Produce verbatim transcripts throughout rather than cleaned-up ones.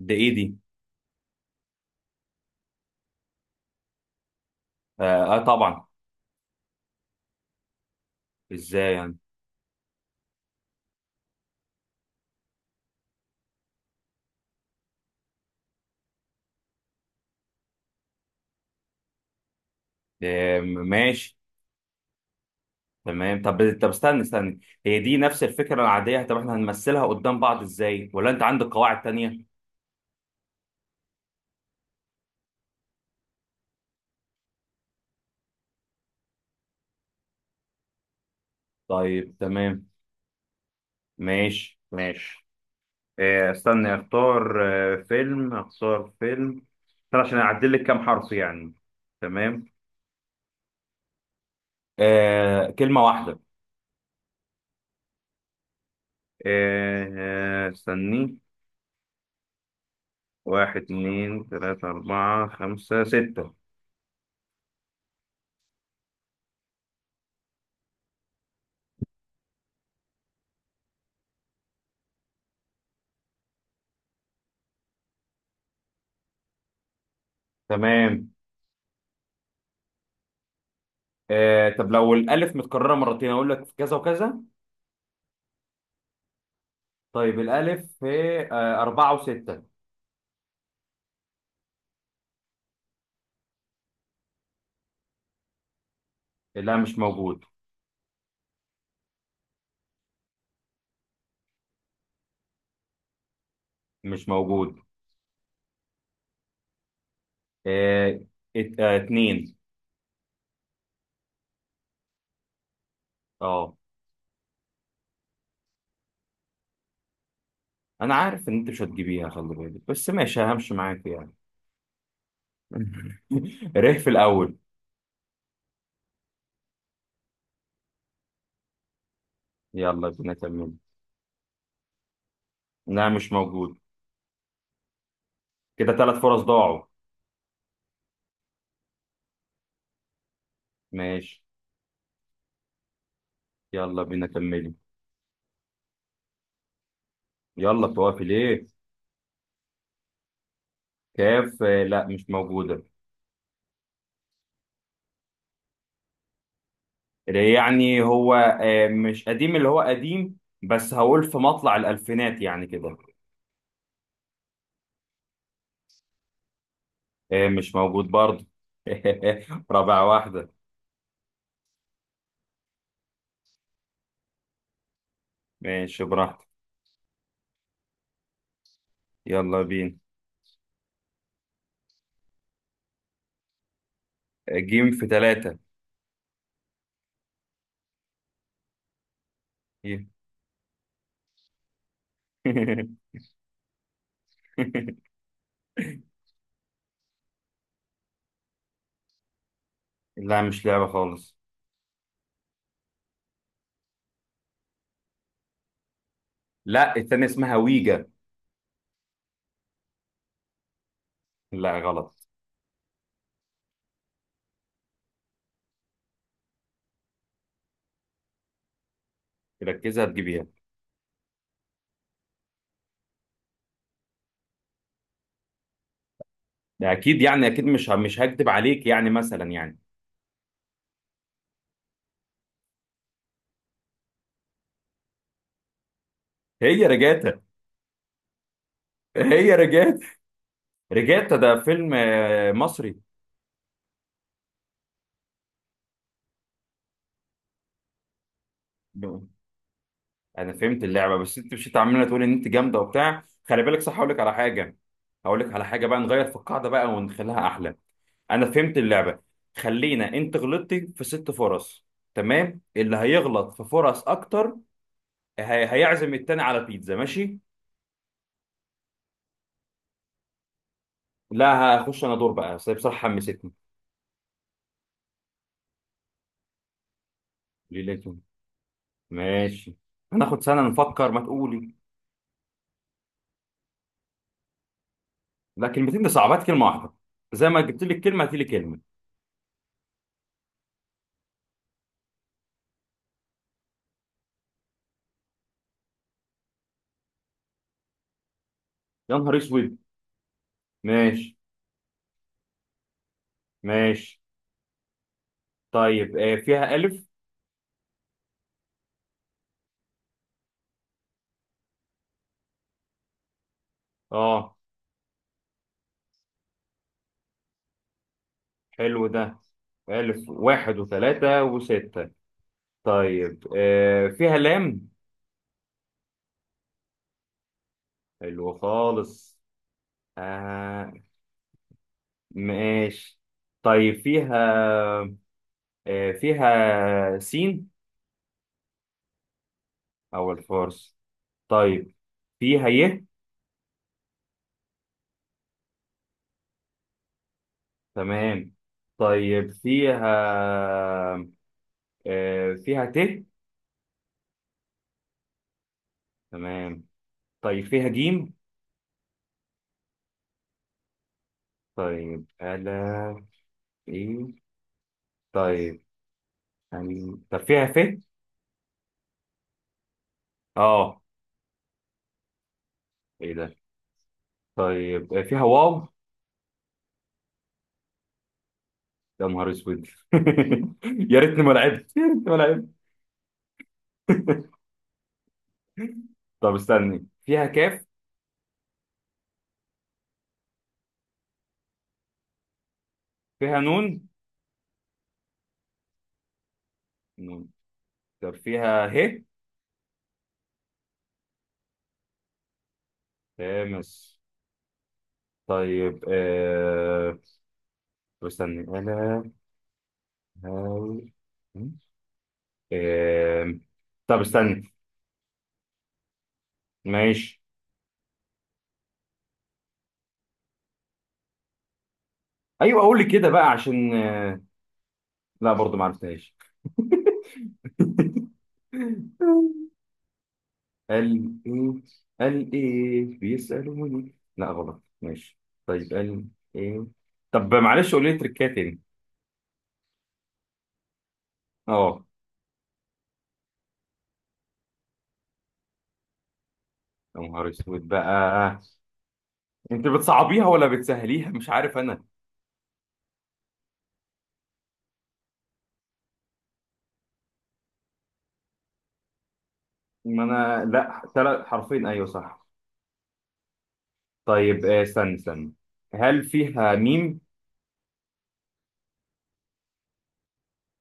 ده ايه دي؟ اه، آه، طبعا. ازاي يعني؟ آه، ماشي. تمام. طب طب استنى استنى. هي دي نفس الفكرة العادية، طب احنا هنمثلها قدام بعض ازاي؟ ولا انت عندك قواعد تانية؟ طيب، تمام. ماشي ماشي. آه استنى، اختار. آه فيلم، اختار فيلم. استنى عشان اعدل لك كام حرف يعني. تمام. آه، كلمة واحدة. آه. آه، استني، واحد اتنين تلاتة أربعة خمسة ستة. تمام. آه طب لو الألف متكررة مرتين أقول لك في كذا وكذا. طيب، الألف في، آه، أربعة وستة. لا، مش موجود. مش موجود. آه ات- آه، اتنين. اه. أنا عارف إن أنت مش هتجيبيها، خلي بالك، بس ماشي همشي معاك يعني. ريح في الأول. يلا بينا، كملي. لا، مش موجود. كده ثلاث فرص ضاعوا. ماشي. يلا بينا، كملي. يلا توافي ليه. كاف، آه، لا، مش موجودة. يعني هو آه، مش قديم اللي هو قديم. بس هقول في مطلع الألفينات يعني كده. آه، مش موجود برضه. رابع واحدة. ماشي براحتك. يلا بينا. آه، جيم في ثلاثة. لا، مش لعبة خالص. لا، التانية اسمها ويجا. لا، غلط. ركزها تجيبيها. ده أكيد يعني أكيد، مش مش هكدب عليك يعني مثلا يعني. هي رجعتها. هي رجعت. رجعت، ده فيلم آه، مصري. انا فهمت اللعبه، بس انت مشيت عماله تقول ان انت جامده وبتاع. خلي بالك، صح، هقول لك على حاجه. هقول لك على حاجه بقى، نغير في القاعده بقى ونخليها احلى. انا فهمت اللعبه. خلينا، انت غلطتي في ست فرص. تمام، اللي هيغلط في فرص اكتر. هي... هيعزم التاني على بيتزا، ماشي. لا، هخش انا دور بقى، بس هي بصراحه حمستني. ليلته. ماشي. هناخد سنه نفكر ما تقولي. لا، كلمتين دي صعبات، كلمه واحده. زي ما جبت لك كلمه، هاتي لي كلمه. يا نهار اسود. ماشي، ماشي. طيب، آه، فيها الف. اه. حلو ده. ألف واحد وثلاثة وستة. طيب، آه فيها لام. حلو خالص. آه. ماشي. طيب، فيها آه فيها سين. أو الفرس. طيب. فيها ي. تمام. طيب، فيها آه فيها ت. تمام. طيب، فيها جيم. طيب، ألا. إيه. طيب. أم- طب فيها ف. اه. ايه ده. طيب، آه، فيها واو. يا نهار اسود. يا ريتني ما لعبت، يا ريتني ما لعبت. طب استني، فيها كاف. فيها نون. نون. طب فيها ه. تامس. طيب، آه... طب استني انا. هاو. آه... طب استني. ماشي. ايوه، اقول لي كده بقى، عشان آه، لا برضو ما عرفتهاش. قال ايه. قال ايه بيسألوني؟ لا، غلط، ماشي. طيب، قال. ايه. طب معلش، قولي لي تركات تاني. اه. يا نهار اسود بقى. انت بتصعبيها ولا بتسهليها مش عارف انا. ما انا لا، ثلاث حرفين، ايوه صح. طيب، آه، استنى استنى. هل فيها ميم؟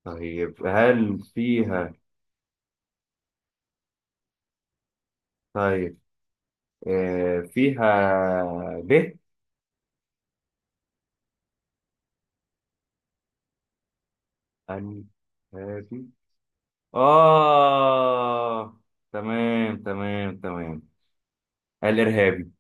طيب، هل فيها، طيب، آه فيها ب. هل، هذه، اه، تمام تمام تمام. الارهابي.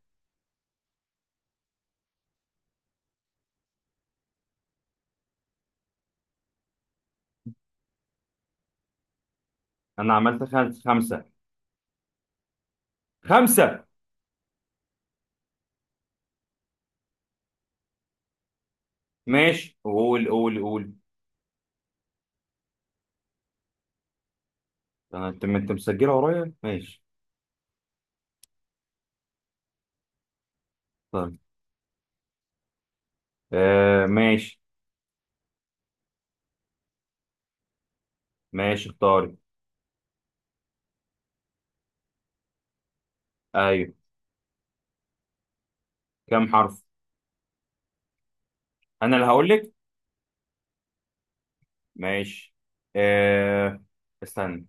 انا عملت خمسه، خمسه، خمسه. ماشي، قول قول قول. أنا- انت انت مسجله ورايا، ماشي. طيب. آه، ماشي. ماشي، اختاري. ايوه، كم حرف. انا اللي هقول لك. ماشي. آه. استنى.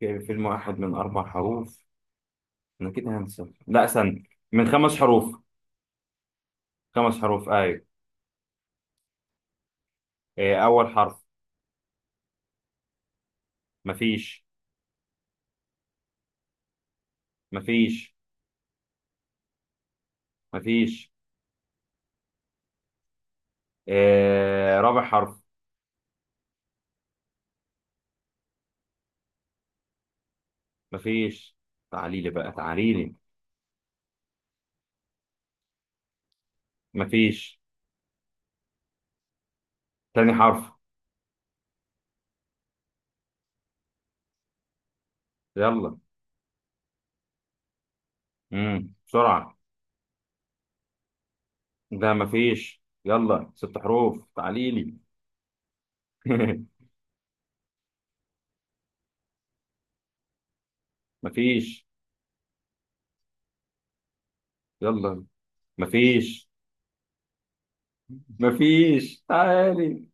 في- فيلم واحد من اربع حروف. انا كده هنسى، لا استنى، من خمس حروف. خمس حروف، ايوه. آه، اول حرف. مفيش. مفيش. مفيش. آه، رابع حرف. مفيش. تعالي لي بقى، تعالي لي. مفيش. تاني حرف. يلا. امم بسرعة. ده مفيش، يلا ست حروف، تعاليلي. مفيش. يلا. مفيش. مفيش، تعالي.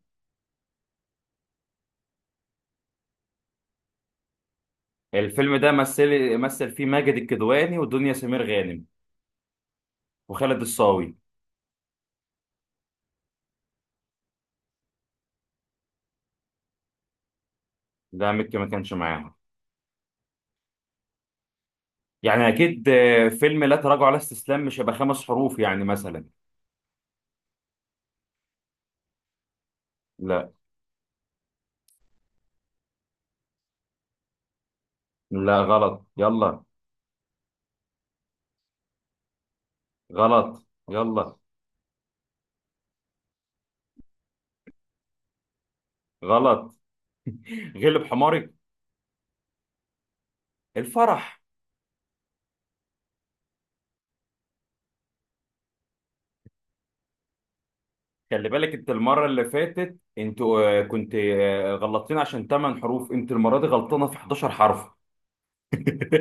الفيلم ده مثل مثل فيه ماجد الكدواني ودنيا سمير غانم وخالد الصاوي. ده مكي ما كانش معاهم. يعني اكيد، آه، فيلم لا تراجع ولا استسلام مش هيبقى خمس حروف يعني مثلا. لا. لا، غلط، يلا. غلط، يلا. غلط. غلب حماري. الفرح. خلي بالك انت، المره اللي فاتت انتوا آه، كنت آه، غلطتين عشان تمانية حروف، انت المره دي غلطانه في حداشر حرف.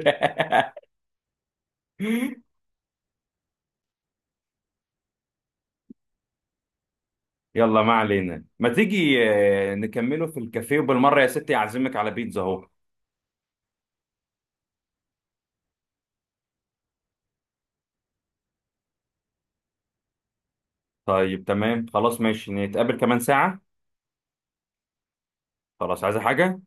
يلا ما علينا، ما تيجي آه، نكمله في الكافيه، وبالمره يا ستي اعزمك على بيتزا اهو. طيب، تمام، خلاص، ماشي، نتقابل كمان ساعه. خلاص، عايزه حاجه؟